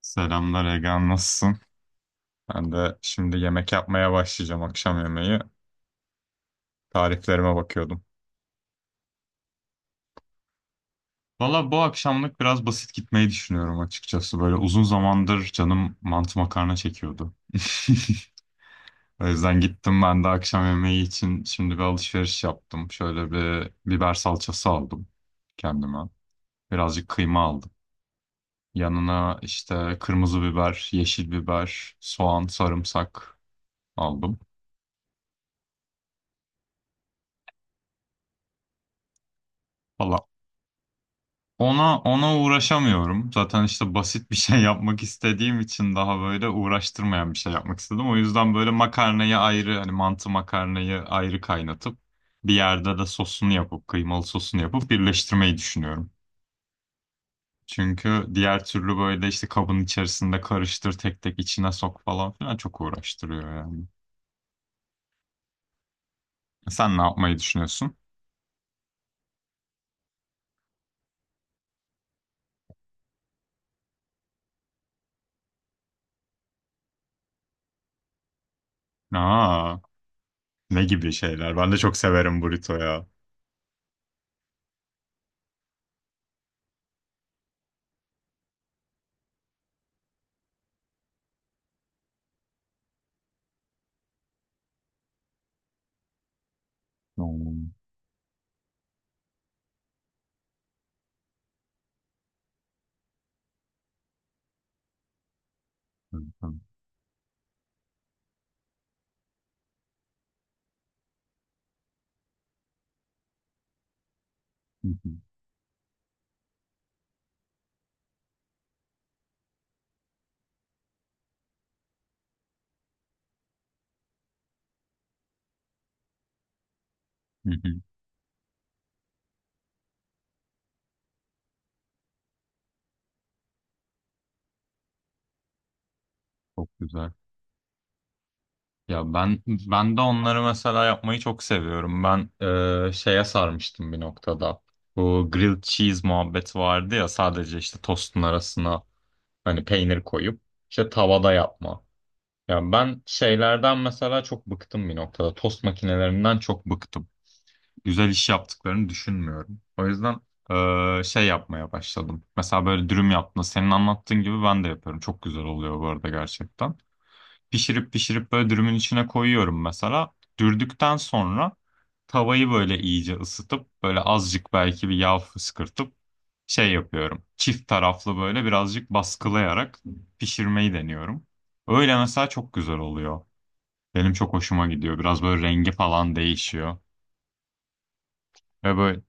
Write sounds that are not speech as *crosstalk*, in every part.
Selamlar Ege, nasılsın? Ben de şimdi yemek yapmaya başlayacağım akşam yemeği. Tariflerime bakıyordum. Valla bu akşamlık biraz basit gitmeyi düşünüyorum açıkçası. Böyle uzun zamandır canım mantı makarna çekiyordu. *laughs* O yüzden gittim ben de akşam yemeği için şimdi bir alışveriş yaptım. Şöyle bir biber salçası aldım kendime. Birazcık kıyma aldım. Yanına işte kırmızı biber, yeşil biber, soğan, sarımsak aldım. Valla Ona uğraşamıyorum. Zaten işte basit bir şey yapmak istediğim için daha böyle uğraştırmayan bir şey yapmak istedim. O yüzden böyle makarnayı ayrı hani mantı makarnayı ayrı kaynatıp bir yerde de sosunu yapıp kıymalı sosunu yapıp birleştirmeyi düşünüyorum. Çünkü diğer türlü böyle işte kabın içerisinde karıştır tek tek içine sok falan filan çok uğraştırıyor yani. Sen ne yapmayı düşünüyorsun? Aa, ne gibi şeyler? Ben de çok severim burrito ya. Oo, evet, evet. Hı hı, hı hı. Çok güzel. Ya ben de onları mesela yapmayı çok seviyorum. Ben şeye sarmıştım bir noktada. Bu grilled cheese muhabbeti vardı ya, sadece işte tostun arasına hani peynir koyup işte tavada yapma. Ya ben şeylerden mesela çok bıktım bir noktada. Tost makinelerinden çok bıktım. Güzel iş yaptıklarını düşünmüyorum. O yüzden şey yapmaya başladım. Mesela böyle dürüm yaptığında senin anlattığın gibi ben de yapıyorum. Çok güzel oluyor bu arada gerçekten, pişirip pişirip böyle dürümün içine koyuyorum mesela. Dürdükten sonra tavayı böyle iyice ısıtıp böyle azıcık belki bir yağ fışkırtıp şey yapıyorum. Çift taraflı böyle birazcık baskılayarak pişirmeyi deniyorum. Öyle mesela çok güzel oluyor. Benim çok hoşuma gidiyor. Biraz böyle rengi falan değişiyor. Ve böyle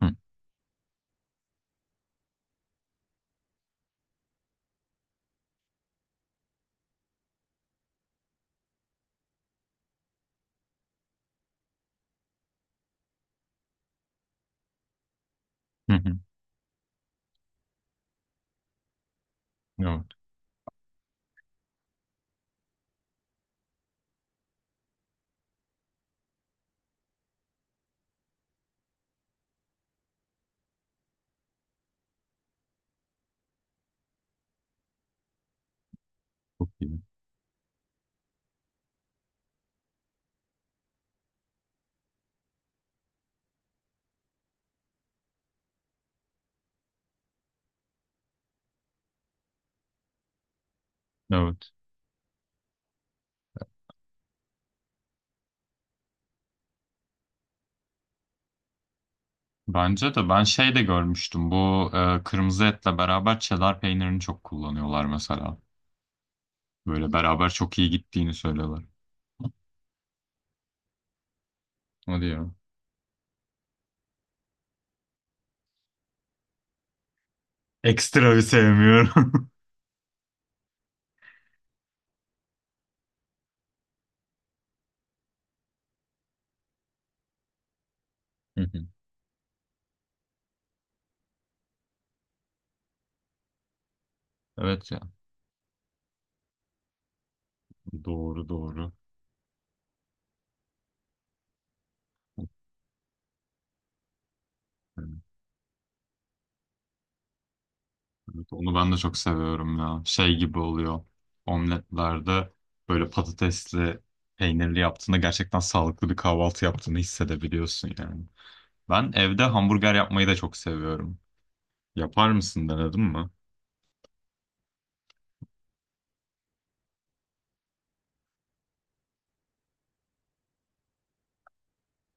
Hı, hı, hı. Evet, çok iyi. Evet. Bence de ben şey de görmüştüm. Bu kırmızı etle beraber çedar peynirini çok kullanıyorlar mesela. Böyle beraber çok iyi gittiğini söylüyorlar. Hadi ya. Ekstra bir sevmiyorum. *laughs* Hı hı. Evet ya. Doğru doğru. Evet, onu ben de çok seviyorum ya. Şey gibi oluyor. Omletlerde böyle patatesli, peynirli yaptığında gerçekten sağlıklı bir kahvaltı yaptığını hissedebiliyorsun yani. Ben evde hamburger yapmayı da çok seviyorum. Yapar mısın, denedin mi?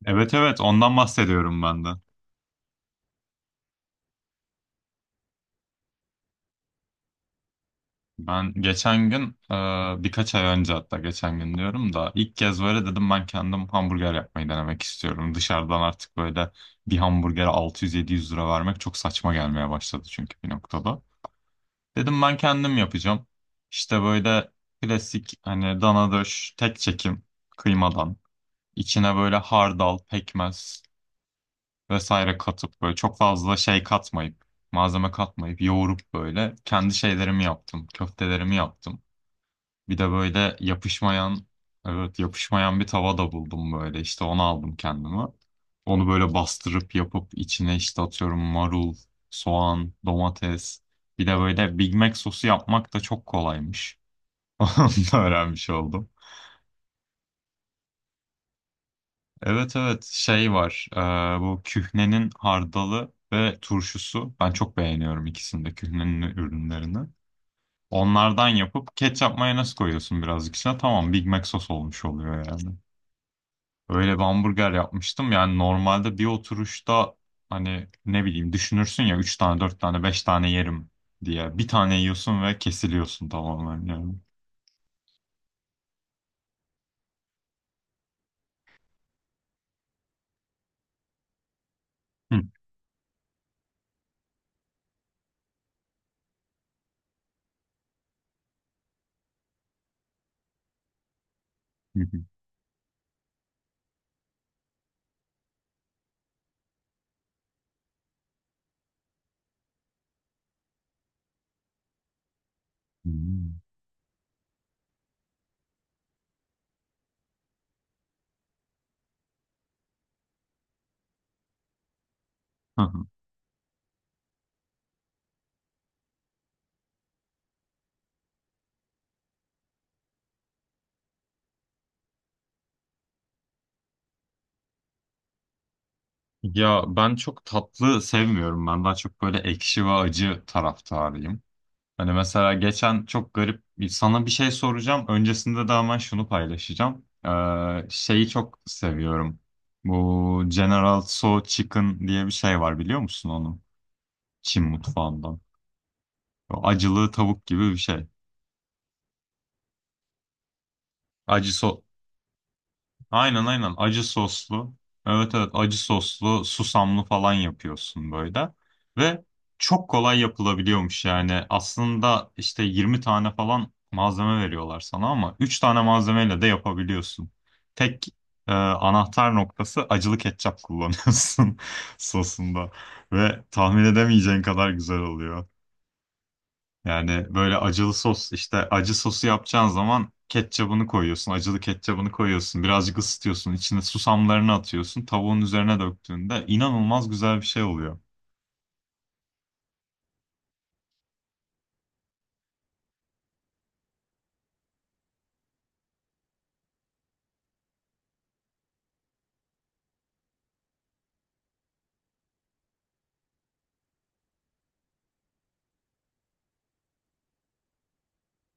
Evet evet, ondan bahsediyorum ben de. Ben geçen gün, birkaç ay önce, hatta geçen gün diyorum da ilk kez böyle dedim ben kendim hamburger yapmayı denemek istiyorum. Dışarıdan artık böyle bir hamburgere 600-700 lira vermek çok saçma gelmeye başladı çünkü bir noktada. Dedim ben kendim yapacağım. İşte böyle klasik hani dana döş tek çekim kıymadan içine böyle hardal, pekmez vesaire katıp böyle çok fazla şey katmayıp malzeme katmayıp yoğurup böyle kendi şeylerimi yaptım, köftelerimi yaptım. Bir de böyle yapışmayan, evet yapışmayan bir tava da buldum böyle. İşte onu aldım kendime. Onu böyle bastırıp yapıp içine işte atıyorum marul, soğan, domates. Bir de böyle Big Mac sosu yapmak da çok kolaymış. *laughs* Onu da öğrenmiş oldum. Evet evet, şey var. Bu kühnenin hardalı ve turşusu. Ben çok beğeniyorum ikisini de, kühnenin ürünlerini. Onlardan yapıp ketçap mayonez koyuyorsun birazcık içine. Tamam, Big Mac sos olmuş oluyor yani. Öyle bir hamburger yapmıştım. Yani normalde bir oturuşta hani ne bileyim düşünürsün ya, 3 tane 4 tane 5 tane yerim diye. Bir tane yiyorsun ve kesiliyorsun tamamen yani. Hı, hı, hı. Hmm. Hı hı. Ya ben çok tatlı sevmiyorum. Ben daha çok böyle ekşi ve acı taraftarıyım. Hani mesela geçen çok garip bir- sana bir şey soracağım. Öncesinde de hemen şunu paylaşacağım. Şeyi çok seviyorum. Bu General So Chicken diye bir şey var, biliyor musun onu? Çin mutfağından. O acılı tavuk gibi bir şey. Acı so aynen aynen, acı soslu. Evet evet, acı soslu susamlı falan yapıyorsun böyle. Ve çok kolay yapılabiliyormuş yani. Aslında işte 20 tane falan malzeme veriyorlar sana ama 3 tane malzemeyle de yapabiliyorsun. Tek anahtar noktası, acılı ketçap kullanıyorsun *laughs* sosunda. Ve tahmin edemeyeceğin kadar güzel oluyor. Yani böyle acılı sos, işte acı sosu yapacağın zaman ketçabını koyuyorsun. Acılı ketçabını koyuyorsun. Birazcık ısıtıyorsun. İçine susamlarını atıyorsun. Tavuğun üzerine döktüğünde inanılmaz güzel bir şey oluyor.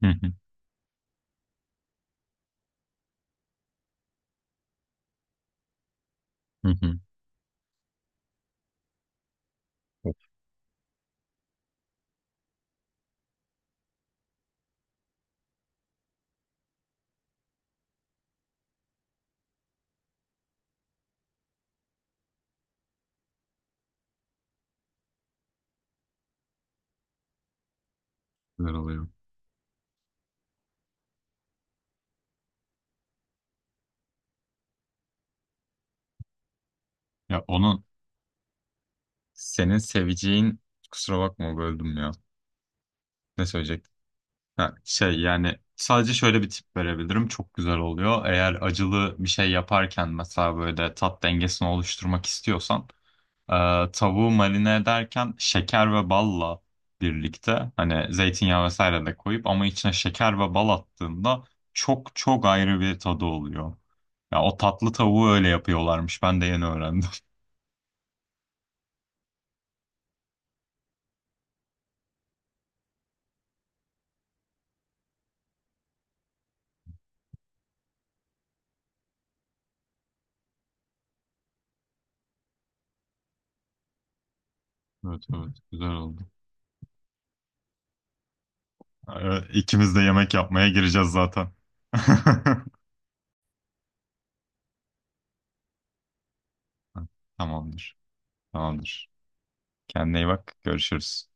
Hı hı, hı hı. Çok güzel oluyor. Ya onu senin seveceğin kusura bakma, böldüm ya. Ne söyleyecektim? Ha, şey, yani sadece şöyle bir tip verebilirim. Çok güzel oluyor. Eğer acılı bir şey yaparken mesela böyle tat dengesini oluşturmak istiyorsan tavuğu marine ederken şeker ve balla birlikte hani zeytinyağı vesaire de koyup, ama içine şeker ve bal attığında çok çok ayrı bir tadı oluyor. Ya o tatlı tavuğu öyle yapıyorlarmış. Ben de yeni öğrendim. *laughs* Evet evet, güzel oldu. İkimiz de yemek yapmaya gireceğiz zaten. *laughs* Tamamdır. Tamamdır. Kendine iyi bak. Görüşürüz.